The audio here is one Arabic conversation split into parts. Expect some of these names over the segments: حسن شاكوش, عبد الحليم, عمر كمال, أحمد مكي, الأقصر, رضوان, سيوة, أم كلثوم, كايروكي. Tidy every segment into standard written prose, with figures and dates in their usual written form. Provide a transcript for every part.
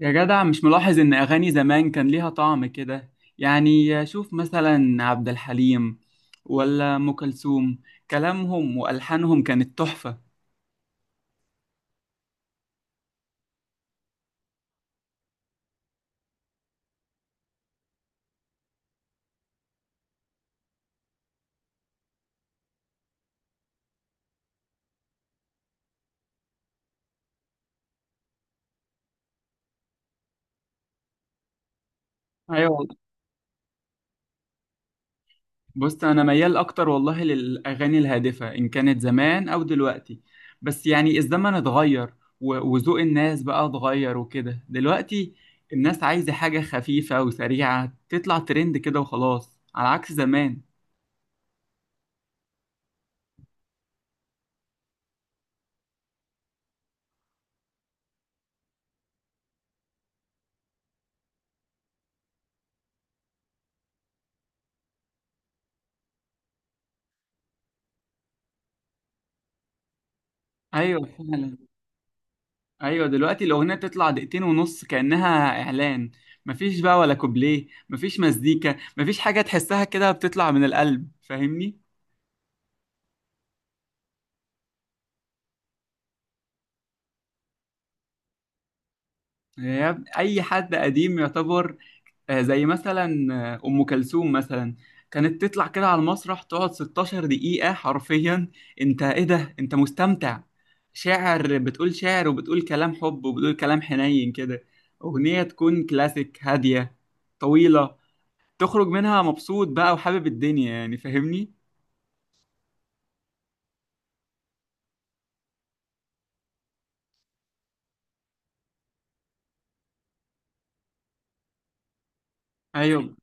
يا جدع، مش ملاحظ إن أغاني زمان كان ليها طعم كده؟ يعني شوف مثلا عبد الحليم ولا أم كلثوم، كلامهم وألحانهم كانت تحفة. أيوة والله. بص، أنا ميال أكتر والله للأغاني الهادفة إن كانت زمان أو دلوقتي، بس يعني الزمن اتغير، وذوق الناس بقى اتغير وكده دلوقتي. الناس عايزة حاجة خفيفة وسريعة تطلع ترند كده وخلاص، على عكس زمان. أيوة فعلا. ايوه، دلوقتي الاغنيه تطلع دقيقتين ونص كانها اعلان، مفيش بقى ولا كوبليه، مفيش مزيكا، مفيش حاجه تحسها كده بتطلع من القلب، فاهمني؟ اي حد قديم يعتبر، زي مثلا ام كلثوم مثلا كانت تطلع كده على المسرح، تقعد 16 دقيقه حرفيا. انت ايه ده؟ انت مستمتع، شاعر، بتقول شعر وبتقول كلام حب وبتقول كلام حنين كده، اغنيه تكون كلاسيك هاديه طويله، تخرج منها مبسوط بقى وحابب الدنيا، يعني فاهمني؟ ايوه.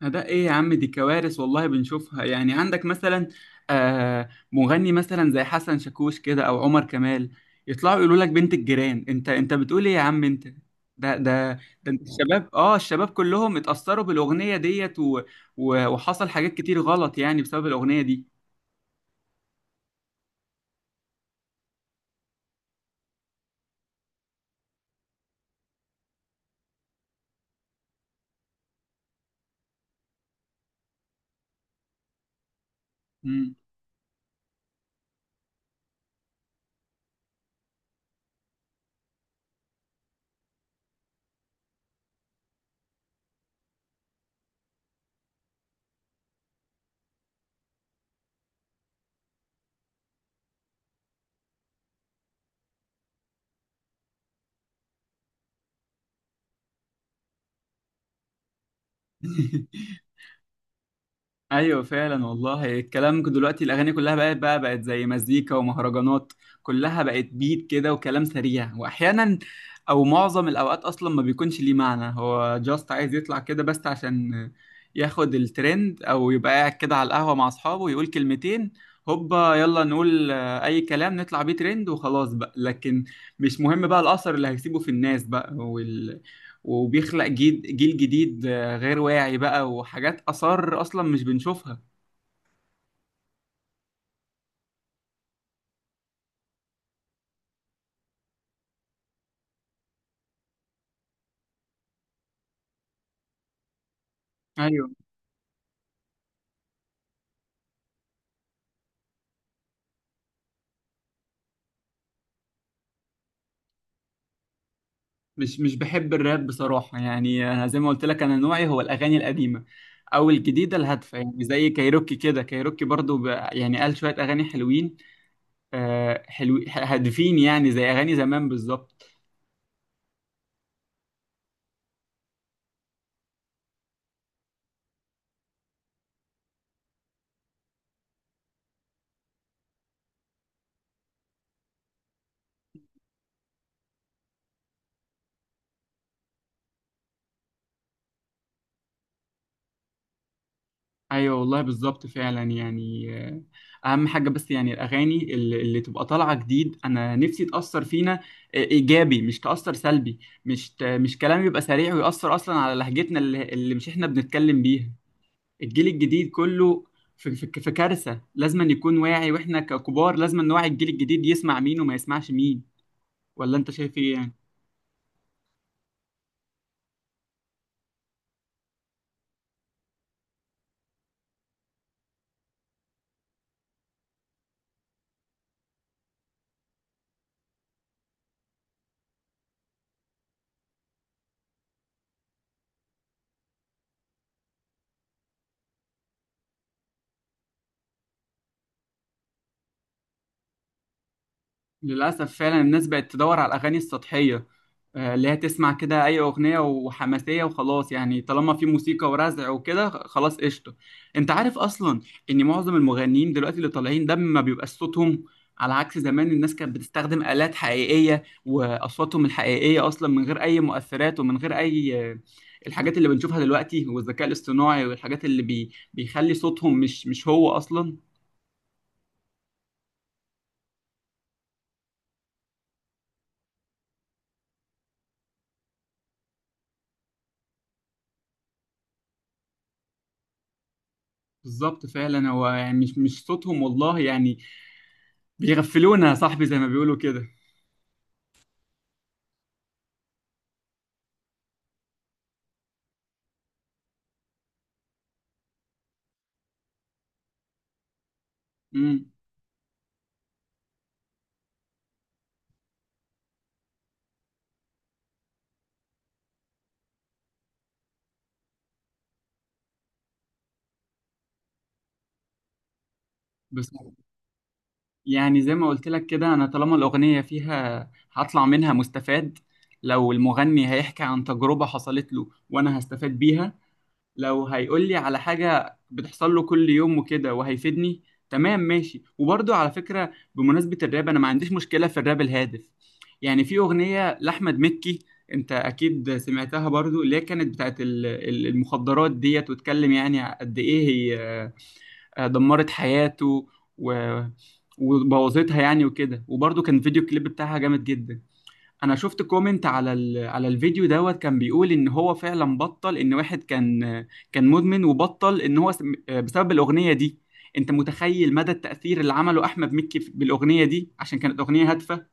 ده ايه يا عم؟ دي كوارث والله بنشوفها، يعني عندك مثلا مغني مثلا زي حسن شاكوش كده او عمر كمال، يطلعوا يقولوا لك بنت الجيران، انت بتقول ايه يا عم انت؟ ده ده ده انت الشباب كلهم اتأثروا بالأغنية ديت، وحصل حاجات كتير غلط يعني بسبب الأغنية دي. مم. ايوه فعلا والله. الكلام دلوقتي الاغاني كلها بقت بقى زي مزيكا ومهرجانات، كلها بقت بيت كده وكلام سريع، واحيانا او معظم الاوقات اصلا ما بيكونش ليه معنى، هو جاست عايز يطلع كده بس عشان ياخد الترند، او يبقى قاعد كده على القهوه مع اصحابه يقول كلمتين هوبا، يلا نقول اي كلام نطلع بيه ترند وخلاص بقى. لكن مش مهم بقى الاثر اللي هيسيبه في الناس بقى، وبيخلق جيل جديد غير واعي بقى، وحاجات آثار أصلا مش بنشوفها. أيوه. مش بحب الراب بصراحة، يعني أنا زي ما قلت لك أنا نوعي هو الأغاني القديمة أو الجديدة الهادفة، يعني زي كايروكي كده. كايروكي برضو يعني قال شوية أغاني حلوين، حلو هادفين، يعني زي أغاني زمان بالظبط. ايوه والله بالظبط فعلا يعني، اهم حاجه. بس يعني الاغاني اللي تبقى طالعه جديد، انا نفسي تاثر فينا ايجابي، مش تاثر سلبي. مش كلام يبقى سريع ويأثر اصلا على لهجتنا اللي مش احنا بنتكلم بيها، الجيل الجديد كله. في كارثه، لازم أن يكون واعي، واحنا ككبار لازم أن نوعي الجيل الجديد يسمع مين وما يسمعش مين. ولا انت شايف ايه يعني؟ للأسف فعلا الناس بقت تدور على الأغاني السطحية، اللي هي تسمع كده أي أغنية وحماسية وخلاص، يعني طالما في موسيقى ورزع وكده خلاص قشطة. أنت عارف أصلا إن معظم المغنيين دلوقتي اللي طالعين ده ما بيبقاش صوتهم، على عكس زمان. الناس كانت بتستخدم آلات حقيقية وأصواتهم الحقيقية أصلا، من غير أي مؤثرات ومن غير أي الحاجات اللي بنشوفها دلوقتي والذكاء الاصطناعي، والحاجات اللي بيخلي صوتهم مش هو أصلا. بالظبط فعلا. هو يعني مش صوتهم والله يعني، بيغفلونا يا صاحبي زي ما بيقولوا كده. امم بس يعني زي ما قلت لك كده، انا طالما الاغنيه فيها هطلع منها مستفاد، لو المغني هيحكي عن تجربه حصلت له وانا هستفاد بيها، لو هيقول لي على حاجه بتحصل له كل يوم وكده وهيفيدني، تمام ماشي. وبرضه على فكره بمناسبه الراب، انا ما عنديش مشكله في الراب الهادف، يعني في اغنيه لاحمد مكي، انت اكيد سمعتها برضو، اللي هي كانت بتاعت المخدرات ديت، واتكلم يعني قد ايه هي دمرت حياته، و... وبوظتها يعني وكده. وبرضه كان الفيديو كليب بتاعها جامد جدا. انا شفت كومنت على الفيديو دوت، كان بيقول ان هو فعلا بطل ان واحد كان كان مدمن، وبطل ان هو بسبب الاغنية دي. انت متخيل مدى التأثير اللي عمله احمد مكي بالاغنية دي عشان كانت اغنية هادفة؟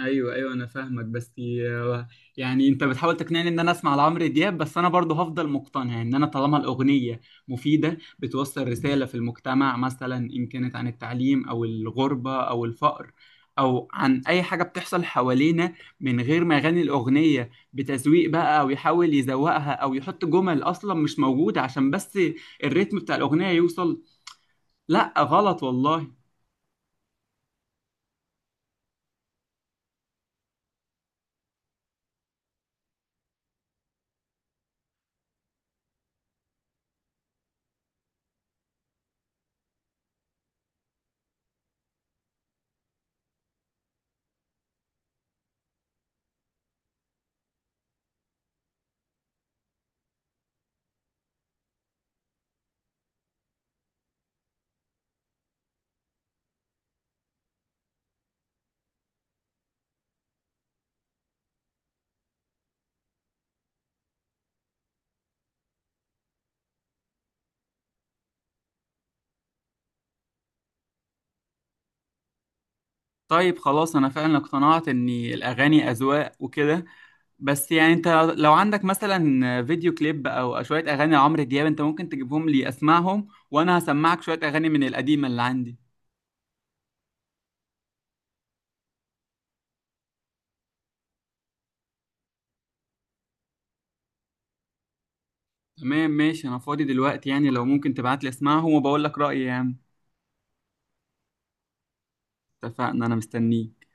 ايوه ايوه انا فاهمك. بس يعني انت بتحاول تقنعني ان انا اسمع لعمرو دياب، بس انا برضه هفضل مقتنع ان انا طالما الاغنيه مفيده بتوصل رساله في المجتمع، مثلا ان كانت عن التعليم او الغربه او الفقر، او عن اي حاجه بتحصل حوالينا، من غير ما يغني الاغنيه بتزويق بقى او يحاول يزوقها او يحط جمل اصلا مش موجوده عشان بس الريتم بتاع الاغنيه يوصل. لا غلط والله. طيب خلاص، انا فعلا اقتنعت ان الاغاني اذواق وكده، بس يعني انت لو عندك مثلا فيديو كليب او شوية اغاني لعمرو دياب، انت ممكن تجيبهم لي اسمعهم، وانا هسمعك شوية اغاني من القديمة اللي عندي. تمام ماشي. انا فاضي دلوقتي، يعني لو ممكن تبعت لي اسمعهم وبقول لك رأيي يعني. اتفقنا. انا مستنيك.